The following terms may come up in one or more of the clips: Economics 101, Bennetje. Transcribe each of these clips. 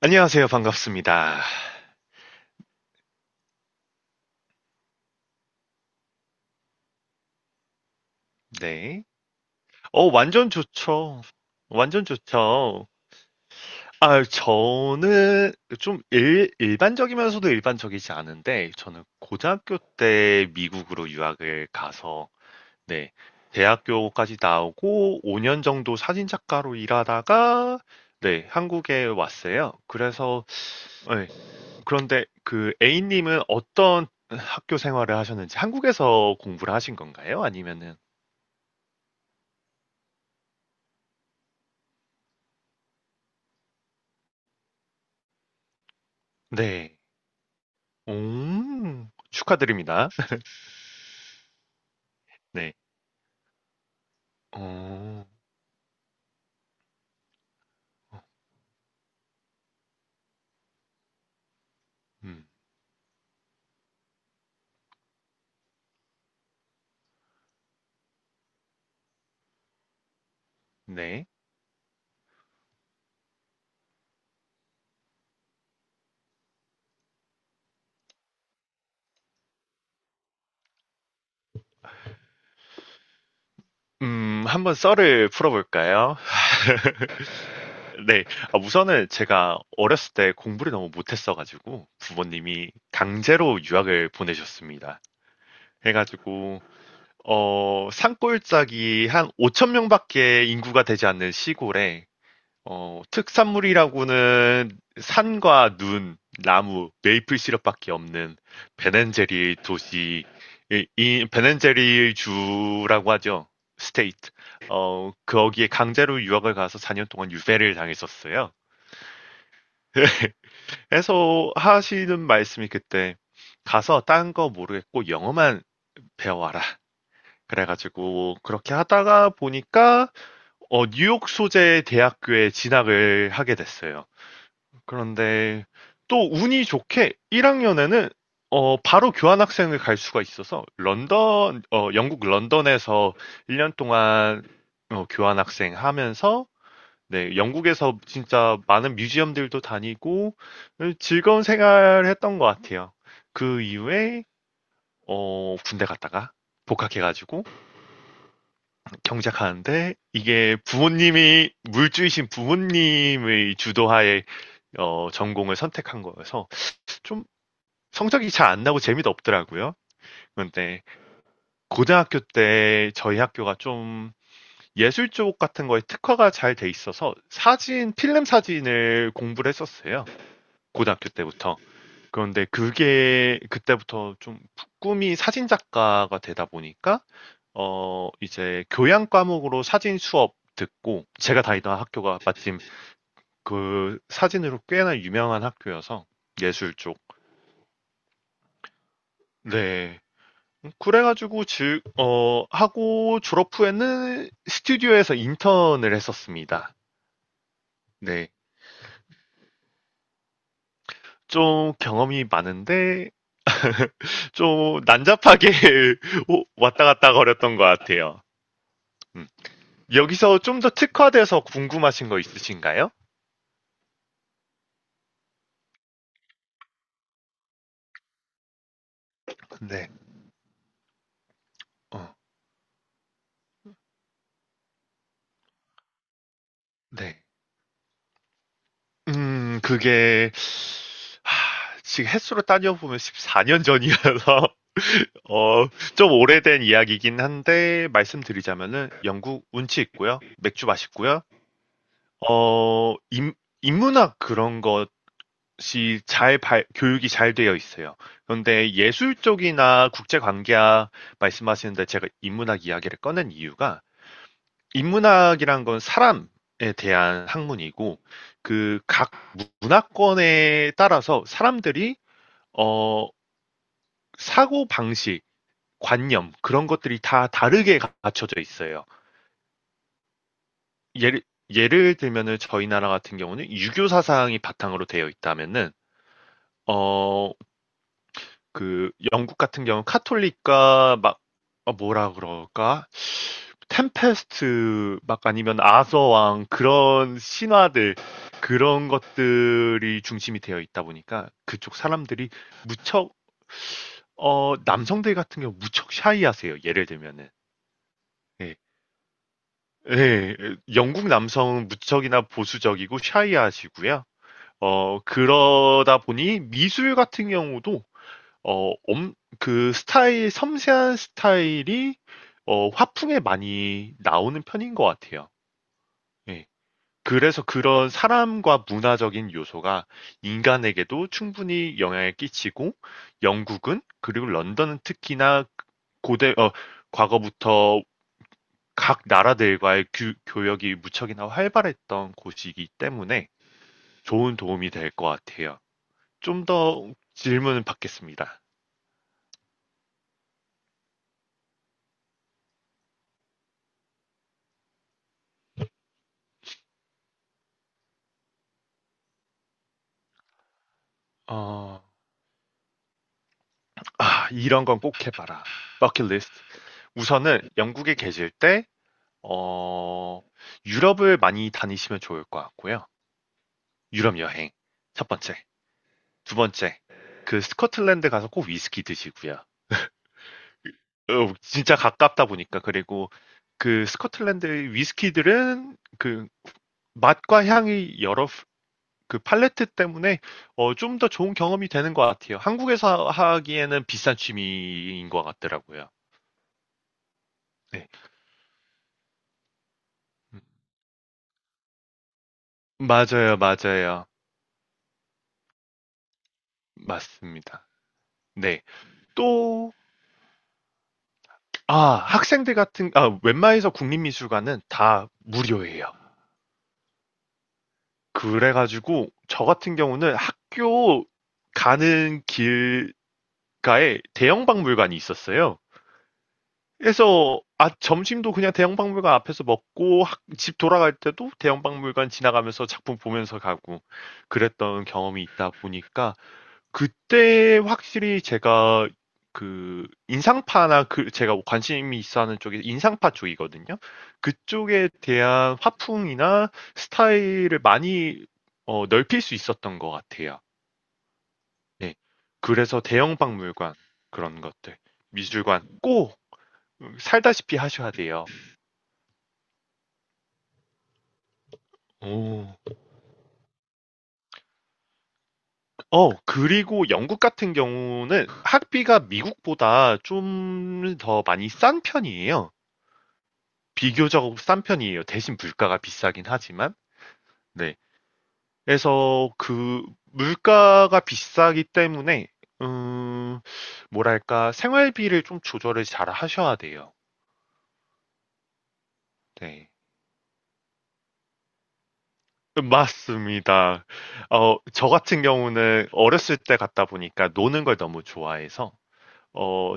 안녕하세요. 반갑습니다. 네. 완전 좋죠. 완전 좋죠. 저는 좀 일반적이면서도 일반적이지 않은데, 저는 고등학교 때 미국으로 유학을 가서, 네. 대학교까지 나오고 5년 정도 사진작가로 일하다가, 네, 한국에 왔어요. 그래서, 네, 그런데 그 A님은 어떤 학교 생활을 하셨는지 한국에서 공부를 하신 건가요? 아니면은, 네. 오. 축하드립니다. 네. 어. 음. 네. 한번 썰을 풀어 볼까요? 네. 우선은 제가 어렸을 때 공부를 너무 못했어 가지고 부모님이 강제로 유학을 보내셨습니다. 해 가지고 산골짜기 한5천 명밖에 인구가 되지 않는 시골에 특산물이라고는 산과 눈, 나무, 메이플 시럽밖에 없는 베넨제리 도시, 이 베넨제리 주라고 하죠. 스테이트. 거기에 강제로 유학을 가서 4년 동안 유배를 당했었어요. 그래서 하시는 말씀이 그때 가서 딴 거 모르겠고 영어만 배워와라. 그래가지고 그렇게 하다가 보니까 뉴욕 소재 대학교에 진학을 하게 됐어요. 그런데 또 운이 좋게 1학년에는 바로 교환학생을 갈 수가 있어서 런던, 영국 런던에서 1년 동안 교환학생 하면서 네, 영국에서 진짜 많은 뮤지엄들도 다니고 즐거운 생활을 했던 것 같아요. 그 이후에 군대 갔다가 복학해가지고 경작하는데 이게 부모님이 물주이신 부모님의 주도하에 전공을 선택한 거여서 좀 성적이 잘 안 나고 재미도 없더라고요. 근데 고등학교 때 저희 학교가 좀 예술 쪽 같은 거에 특화가 잘 돼 있어서 사진, 필름 사진을 공부를 했었어요. 고등학교 때부터. 그런데 그게 그때부터 좀 꿈이 사진 작가가 되다 보니까 이제 교양 과목으로 사진 수업 듣고 제가 다니던 학교가 마침 그 사진으로 꽤나 유명한 학교여서 예술 쪽. 네. 그래가지고 하고 졸업 후에는 스튜디오에서 인턴을 했었습니다. 네. 좀 경험이 많은데, 좀 난잡하게 왔다 갔다 거렸던 것 같아요. 음. 여기서 좀 더 특화돼서 궁금하신 거 있으신가요? 네. 어, 네. 음, 그게, 지금 횟수로 따져보면 14년 전이라서, 어, 좀 오래된 이야기긴 한데 말씀드리자면은 영국 운치 있고요. 맥주 맛있고요. 어, 인, 인문학 그런 교육이 잘 되어 있어요. 그런데 예술 쪽이나 국제 관계학 말씀하시는데 제가 인문학 이야기를 꺼낸 이유가 인문학이란 건 사람에 대한 학문이고 그 각 문화권에 따라서 사람들이 어, 사고 방식 관념 그런 것들이 다 다르게 갖춰져 있어요. 예를 예를 들면은 저희 나라 같은 경우는 유교 사상이 바탕으로 되어 있다면은 어 그 영국 같은 경우 카톨릭과 막 뭐라 그럴까? 템페스트 막 아니면 아서왕 그런 신화들 그런 것들이 중심이 되어 있다 보니까 그쪽 사람들이 무척 남성들 같은 경우 무척 샤이하세요. 예를 들면은 예. 예, 영국 남성은 무척이나 보수적이고 샤이하시고요. 그러다 보니 미술 같은 경우도 어, 엄, 그 스타일, 섬세한 스타일이 화풍에 많이 나오는 편인 것 같아요. 예. 그래서 그런 사람과 문화적인 요소가 인간에게도 충분히 영향을 끼치고 영국은 그리고 런던은 특히나 고대, 과거부터 각 나라들과의 교역이 무척이나 활발했던 곳이기 때문에 좋은 도움이 될 것 같아요. 좀 더 질문 을 받겠습니다. 어, 아, 이런 건 꼭 해봐라. 버킷리스트. 우선은 영국에 계실 때, 어, 유럽을 많이 다니시면 좋을 것 같고요. 유럽 여행. 첫 번째. 두 번째. 그 스코틀랜드 가서 꼭 위스키 드시고요. 진짜 가깝다 보니까. 그리고 그 스코틀랜드 위스키들은 그 맛과 향이 여러 그 팔레트 때문에 좀 더 좋은 경험이 되는 것 같아요. 한국에서 하기에는 비싼 취미인 것 같더라고요. 네. 음, 맞아요, 맞아요. 맞습니다. 네. 또, 학생들 같은, 웬만해서 국립미술관은 다 무료예요. 그래가지고, 저 같은 경우는 학교 가는 길가에 대형 박물관이 있었어요. 그래서 점심도 그냥 대형박물관 앞에서 먹고 집 돌아갈 때도 대형박물관 지나가면서 작품 보면서 가고 그랬던 경험이 있다 보니까 그때 확실히 제가 그 인상파나 그 제가 관심이 있어 하는 쪽이 인상파 쪽이거든요. 그쪽에 대한 화풍이나 스타일을 많이 넓힐 수 있었던 것 같아요. 네. 그래서 대형박물관 그런 것들 미술관 꼭 살다시피 하셔야 돼요. 오. 그리고 영국 같은 경우는 학비가 미국보다 좀 더 많이 싼 편이에요. 비교적 싼 편이에요. 대신 물가가 비싸긴 하지만. 네. 그래서 그 물가가 비싸기 때문에 음, 뭐랄까 생활비를 좀 조절을 잘 하셔야 돼요. 네. 맞습니다. 저 같은 경우는 어렸을 때 갔다 보니까 노는 걸 너무 좋아해서 어,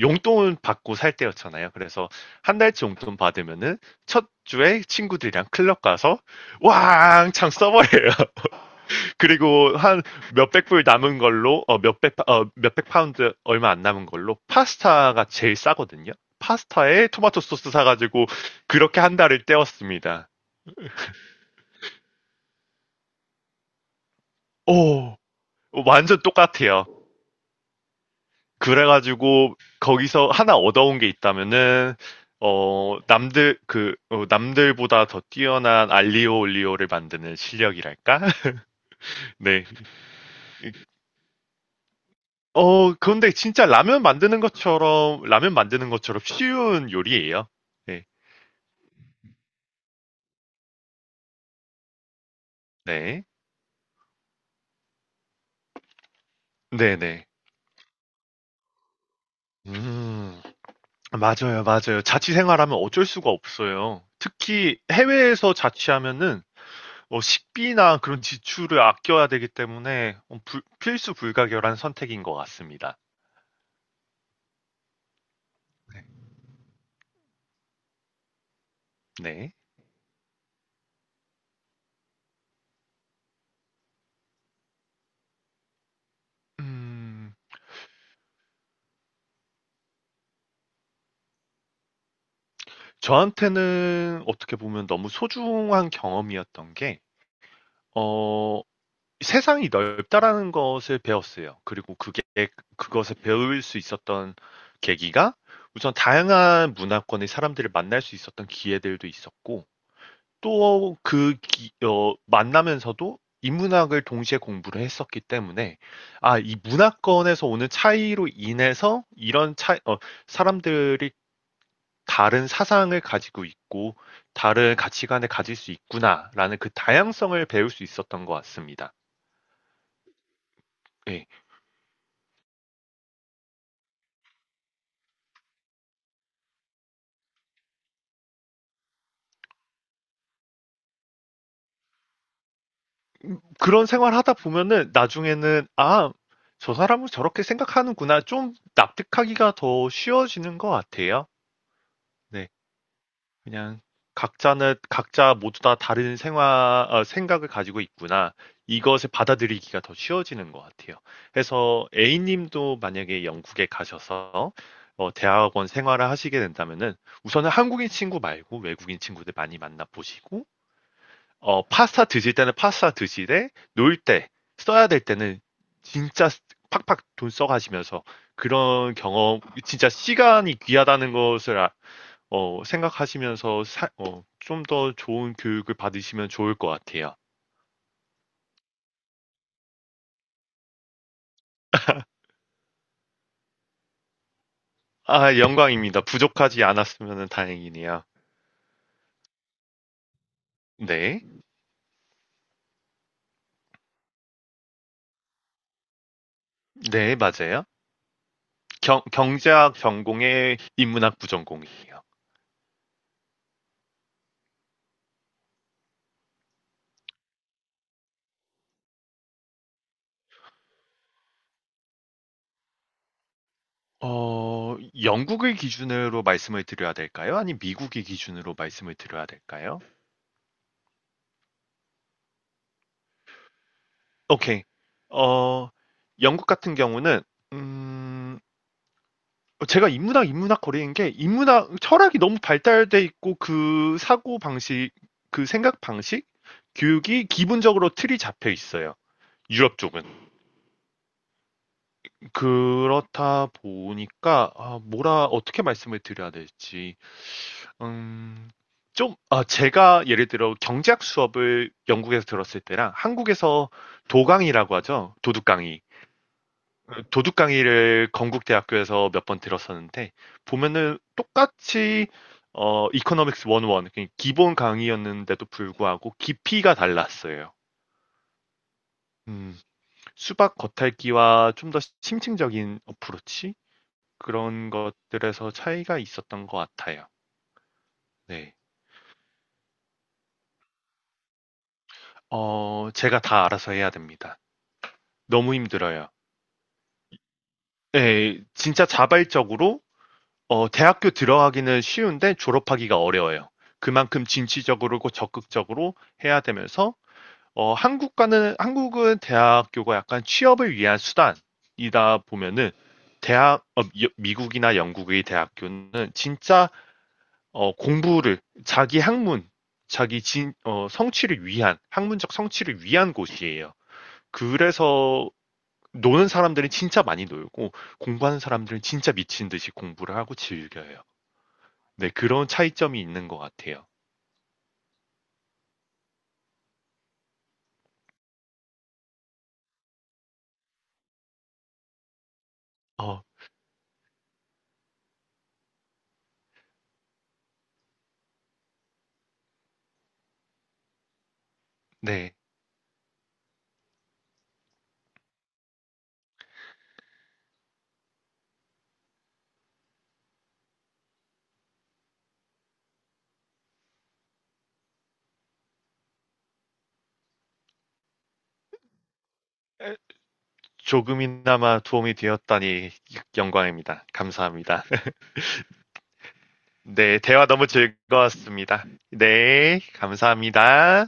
용돈 받고 살 때였잖아요. 그래서 한 달치 용돈 받으면은 첫 주에 친구들이랑 클럽 가서 왕창 써버려요. 그리고 한 몇백 불 남은 걸로 몇백 파운드 얼마 안 남은 걸로 파스타가 제일 싸거든요. 파스타에 토마토 소스 사가지고 그렇게 한 달을 때웠습니다. 오, 완전 똑같아요. 그래가지고 거기서 하나 얻어온 게 있다면은 남들 남들보다 더 뛰어난 알리오 올리오를 만드는 실력이랄까. 네. 그런데 진짜 라면 만드는 것처럼 라면 만드는 것처럼 쉬운 요리예요. 네. 네. 네네. 음 맞아요, 맞아요. 자취 생활하면 어쩔 수가 없어요. 특히 해외에서 자취하면은 식비나 그런 지출을 아껴야 되기 때문에 필수 불가결한 선택인 것 같습니다. 네. 네. 음, 저한테는 어떻게 보면 너무 소중한 경험이었던 게, 어, 세상이 넓다라는 것을 배웠어요. 그리고 그게, 그것을 배울 수 있었던 계기가 우선 다양한 문화권의 사람들을 만날 수 있었던 기회들도 있었고, 또 그 만나면서도 인문학을 동시에 공부를 했었기 때문에 이 문화권에서 오는 차이로 인해서 이런 차이 사람들이 다른 사상을 가지고 있고 다른 가치관을 가질 수 있구나라는 그 다양성을 배울 수 있었던 것 같습니다. 예. 그런 생활하다 보면은 나중에는 '아, 저 사람은 저렇게 생각하는구나.' 좀 납득하기가 더 쉬워지는 것 같아요. 네. 그냥 각자는 각자 모두 다 다른 생각을 가지고 있구나. 이것을 받아들이기가 더 쉬워지는 것 같아요. 그래서 A님도 만약에 영국에 가셔서 대학원 생활을 하시게 된다면은 우선은 한국인 친구 말고 외국인 친구들 많이 만나보시고 파스타 드실 때는 파스타 드시되 놀 때 써야 될 때는 진짜 팍팍 돈 써가시면서 그런 경험 진짜 시간이 귀하다는 것을 생각하시면서 좀 더 좋은 교육을 받으시면 좋을 것 같아요. 아, 영광입니다. 부족하지 않았으면 다행이네요. 네. 네, 맞아요. 경제학 전공의 인문학 부전공이에요. 어, 영국을 기준으로 말씀을 드려야 될까요? 아니, 미국의 기준으로 말씀을 드려야 될까요? 오케이. 어, 영국 같은 경우는, 음, 제가 인문학 거리인 게 인문학 철학이 너무 발달돼 있고 그 사고 방식, 그 생각 방식, 교육이 기본적으로 틀이 잡혀 있어요. 유럽 쪽은. 그렇다 보니까 아, 뭐라 어떻게 말씀을 드려야 될지. 음, 제가 예를 들어 경제학 수업을 영국에서 들었을 때랑 한국에서 도강이라고 하죠. 도둑강의. 도둑 강의를 건국대학교에서 몇 번 들었었는데 보면은 똑같이 이코노믹스 101 그러니까 기본 강의였는데도 불구하고 깊이가 달랐어요. 음, 수박 겉핥기와 좀 더 심층적인 어프로치 그런 것들에서 차이가 있었던 것 같아요. 네. 제가 다 알아서 해야 됩니다. 너무 힘들어요. 네, 진짜 자발적으로 대학교 들어가기는 쉬운데 졸업하기가 어려워요. 그만큼 진취적으로 적극적으로 해야 되면서 한국과는 한국은 대학교가 약간 취업을 위한 수단이다 보면은 미국이나 영국의 대학교는 진짜 공부를 자기 학문 성취를 위한 학문적 성취를 위한 곳이에요. 그래서 노는 사람들은 진짜 많이 놀고 공부하는 사람들은 진짜 미친 듯이 공부를 하고 즐겨요. 네, 그런 차이점이 있는 것 같아요. 어, 네. 에, 조금이나마 도움이 되었다니 영광입니다. 감사합니다. 네, 대화 너무 즐거웠습니다. 네, 감사합니다.